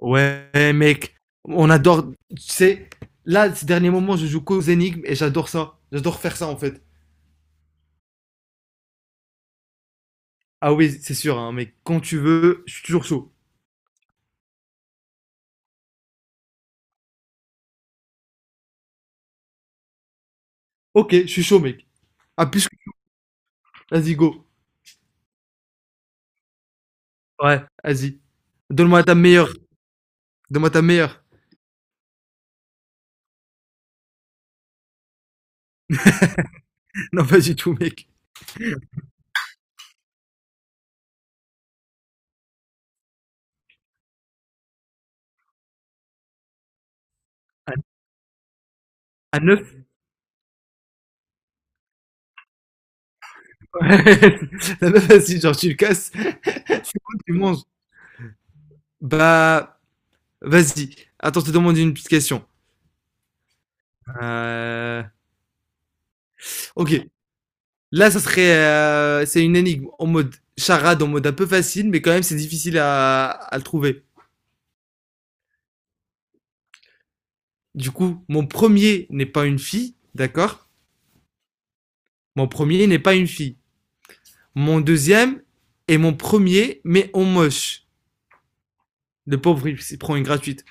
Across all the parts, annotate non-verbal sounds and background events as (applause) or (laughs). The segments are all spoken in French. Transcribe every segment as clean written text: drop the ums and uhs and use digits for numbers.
Ouais, mec, on adore. Tu sais, là, ces derniers moments, je joue qu'aux énigmes et j'adore ça. J'adore faire ça en fait. Ah oui, c'est sûr, hein, mec. Quand tu veux, je suis toujours chaud. Ok, je suis chaud, mec. Ah, puisque. Vas-y, go. Ouais, vas-y. Donne-moi ta meilleure. Donne-moi ta meilleure. (laughs) Non, pas du tout, mec. À, à 9. (laughs) La meuf, vas-y, genre, tu le casses. (laughs) C'est bon, tu manges. Bah, vas-y. Attends, je te demande une petite question. Euh... Ok. Là, ça serait, c'est une énigme en mode charade, en mode un peu facile, mais quand même, c'est difficile à le trouver. Du coup, mon premier n'est pas une fille, d'accord. Mon premier n'est pas une fille. Mon deuxième est mon premier, mais en moche. Le pauvre, il s'y prend une gratuite.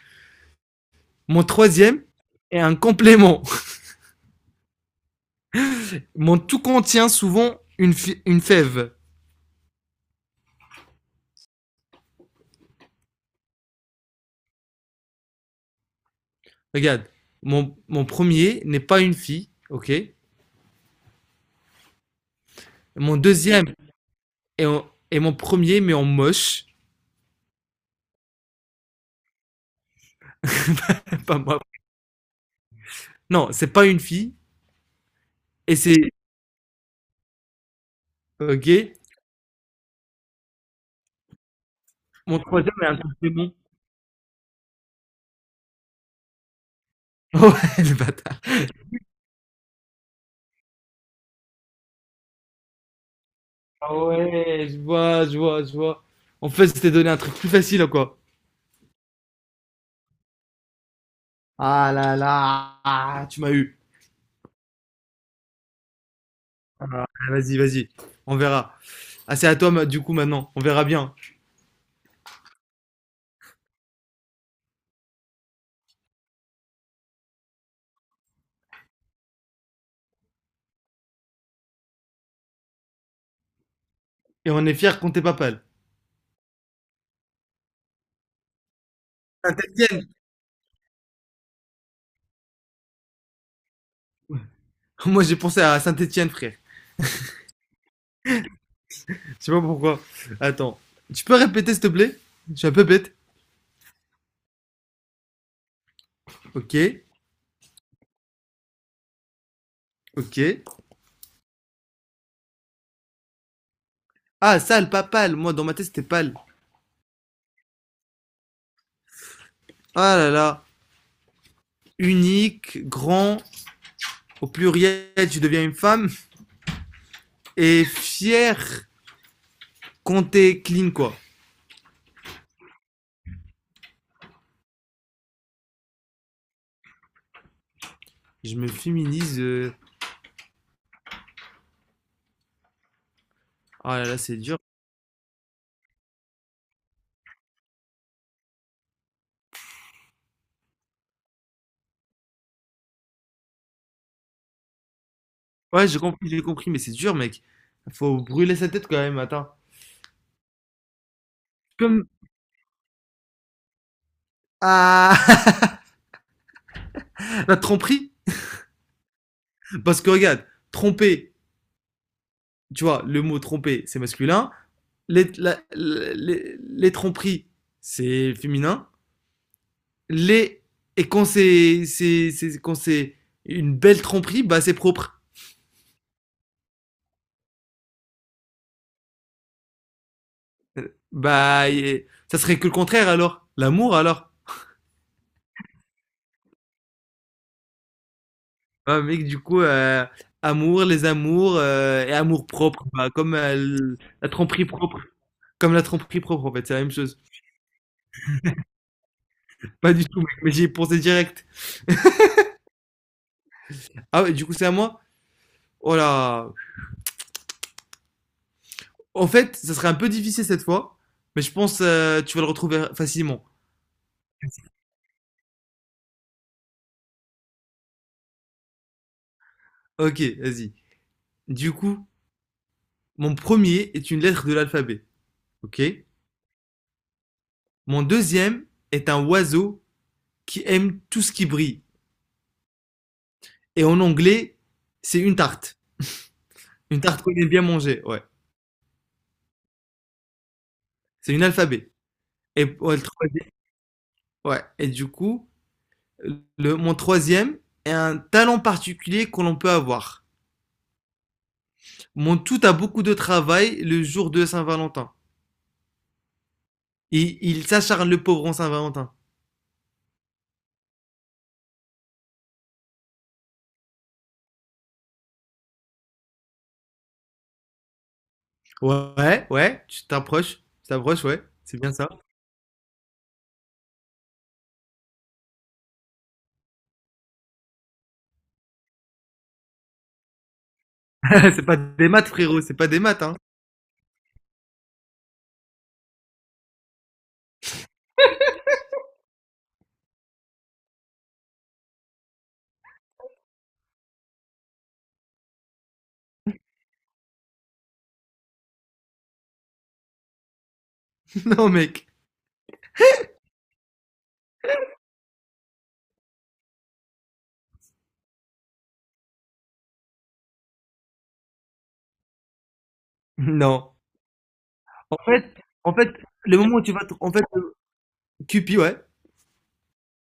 Mon troisième est un complément. (laughs) Mon tout contient souvent une fève. Regarde, mon premier n'est pas une fille, ok. Mon deuxième est, est mon premier, mais en moche. (laughs) Pas moi. Non, c'est pas une fille et c'est ok. Mon troisième est un truc démon. (laughs) Ouais, le bâtard. Ah ouais, je vois, je vois, je vois. En fait, c'était donné un truc plus facile, quoi. Ah là là, ah, tu m'as eu. Ah, vas-y, vas-y, on verra. Ah, c'est à toi, du coup, maintenant. On verra bien. Et on est fiers qu'on t'ait pas pâle. Saint-Étienne. (laughs) Moi, j'ai pensé à Saint-Étienne, frère. Je sais pas pourquoi. Attends. Tu peux répéter, s'il te plaît? Je suis un peu bête. Ok, ok. Ah, sale, pas pâle. Moi, dans ma tête, c'était pâle. Ah là là. Unique, grand, au pluriel, tu deviens une femme, et fier quand t'es clean, quoi. Je me féminise. Oh là là, c'est dur. Ouais, j'ai compris, mais c'est dur, mec. Faut brûler sa tête quand même, attends. Comme. Ah. (laughs) La tromperie. Parce que regarde, tromper, tu vois, le mot tromper, c'est masculin. Les, la- les tromperies, c'est féminin. Les. Et quand quand c'est une belle tromperie, bah c'est propre. Bah, ça serait que le contraire alors. L'amour alors. Ah, mec, du coup, amour, les amours et amour propre. Bah, comme la tromperie propre. Comme la tromperie propre, en fait, c'est la même chose. Pas du tout, mec, mais j'y ai pensé direct. Ah ouais, du coup, c'est à moi? Oh là. En fait, ça serait un peu difficile cette fois, mais je pense tu vas le retrouver facilement. Ok, vas-y. Du coup, mon premier est une lettre de l'alphabet. Ok? Mon deuxième est un oiseau qui aime tout ce qui brille. Et en anglais, c'est une tarte. Une tarte qu'on aime bien manger, ouais. C'est une alphabet. Et, ouais, ouais. Et du coup, mon troisième est un talent particulier que l'on peut avoir. Mon tout a beaucoup de travail le jour de Saint-Valentin. Et il s'acharne le pauvre en Saint-Valentin. Ouais, ouais, tu t'approches, ouais. C'est bien ça. (laughs) C'est pas des maths, frérot, c'est pas des maths, hein. (laughs) Non, mec. Non. En fait, en fait, le moment où en fait, Cupid, ouais.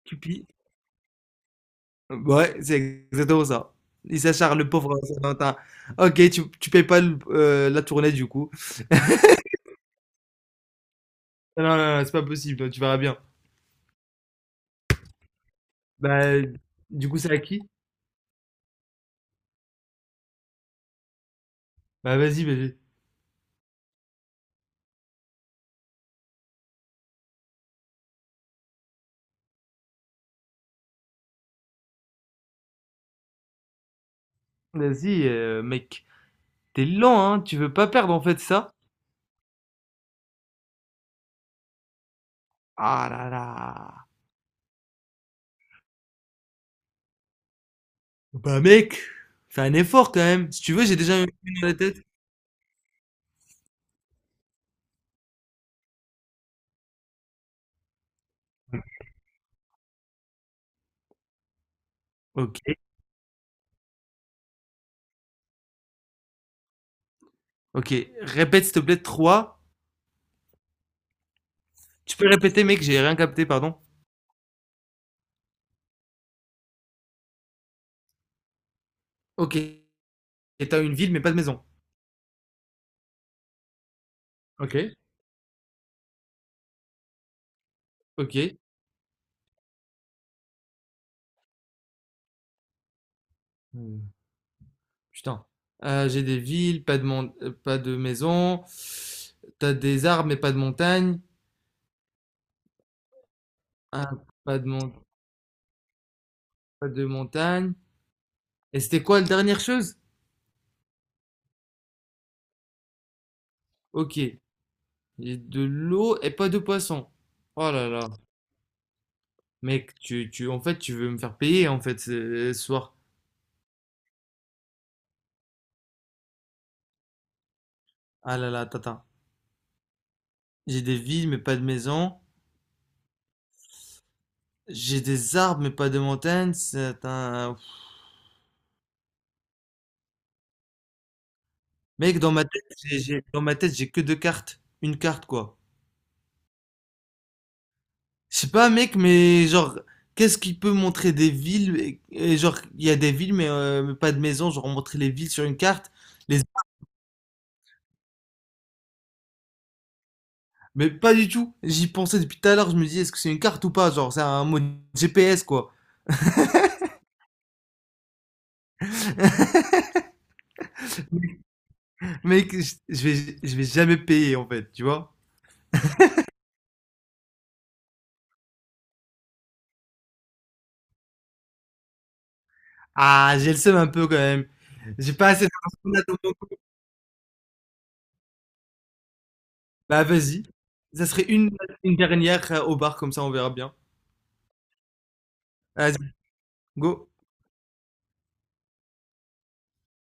Cupid, ouais, c'est exactement ça. Il s'acharne, le pauvre Saint-Valentin. OK, tu payes pas le la tournée, du coup. Non, non, non, c'est pas possible, toi, tu verras bien. Bah, du coup, c'est à qui? Bah, vas-y, bébé. Vas-y, mec, t'es lent, hein, tu veux pas perdre, en fait, ça? Ah là là. Bah, mec, fais un effort, quand même. Si tu veux, j'ai déjà une dans la tête. OK, OK. Répète, s'il te plaît, 3. Tu peux répéter, mec, j'ai rien capté, pardon? OK. Et t'as une ville, mais pas de maison. OK, OK. Putain. J'ai des villes, pas pas de maison. T'as des arbres, mais pas de montagne. Hein, pas de mon- pas de montagne. Et c'était quoi la dernière chose? Ok. J'ai de l'eau et pas de poisson. Oh là là. Mec, en fait, tu veux me faire payer, en fait, ce soir. Ah là là, tata. J'ai des villes, mais pas de maison. J'ai des arbres, mais pas de montagnes. C'est un... Mec, dans ma tête, dans ma tête, j'ai que deux cartes. Une carte, quoi. Je sais pas, mec, mais genre, qu'est-ce qui peut montrer des villes et genre, il y a des villes, mais pas de maison, genre montrer les villes sur une carte. Les... Mais pas du tout. J'y pensais depuis tout à l'heure. Je me dis, est-ce que c'est une carte ou pas? Genre, c'est un mode GPS, quoi. (laughs) Mec, je vais, je vais jamais payer, en fait, tu vois? Ah, j'ai le seum un peu quand même. J'ai pas assez d'argent dans mon compte. Bah, vas-y. Ça serait une dernière au bar, comme ça, on verra bien. Vas-y, go.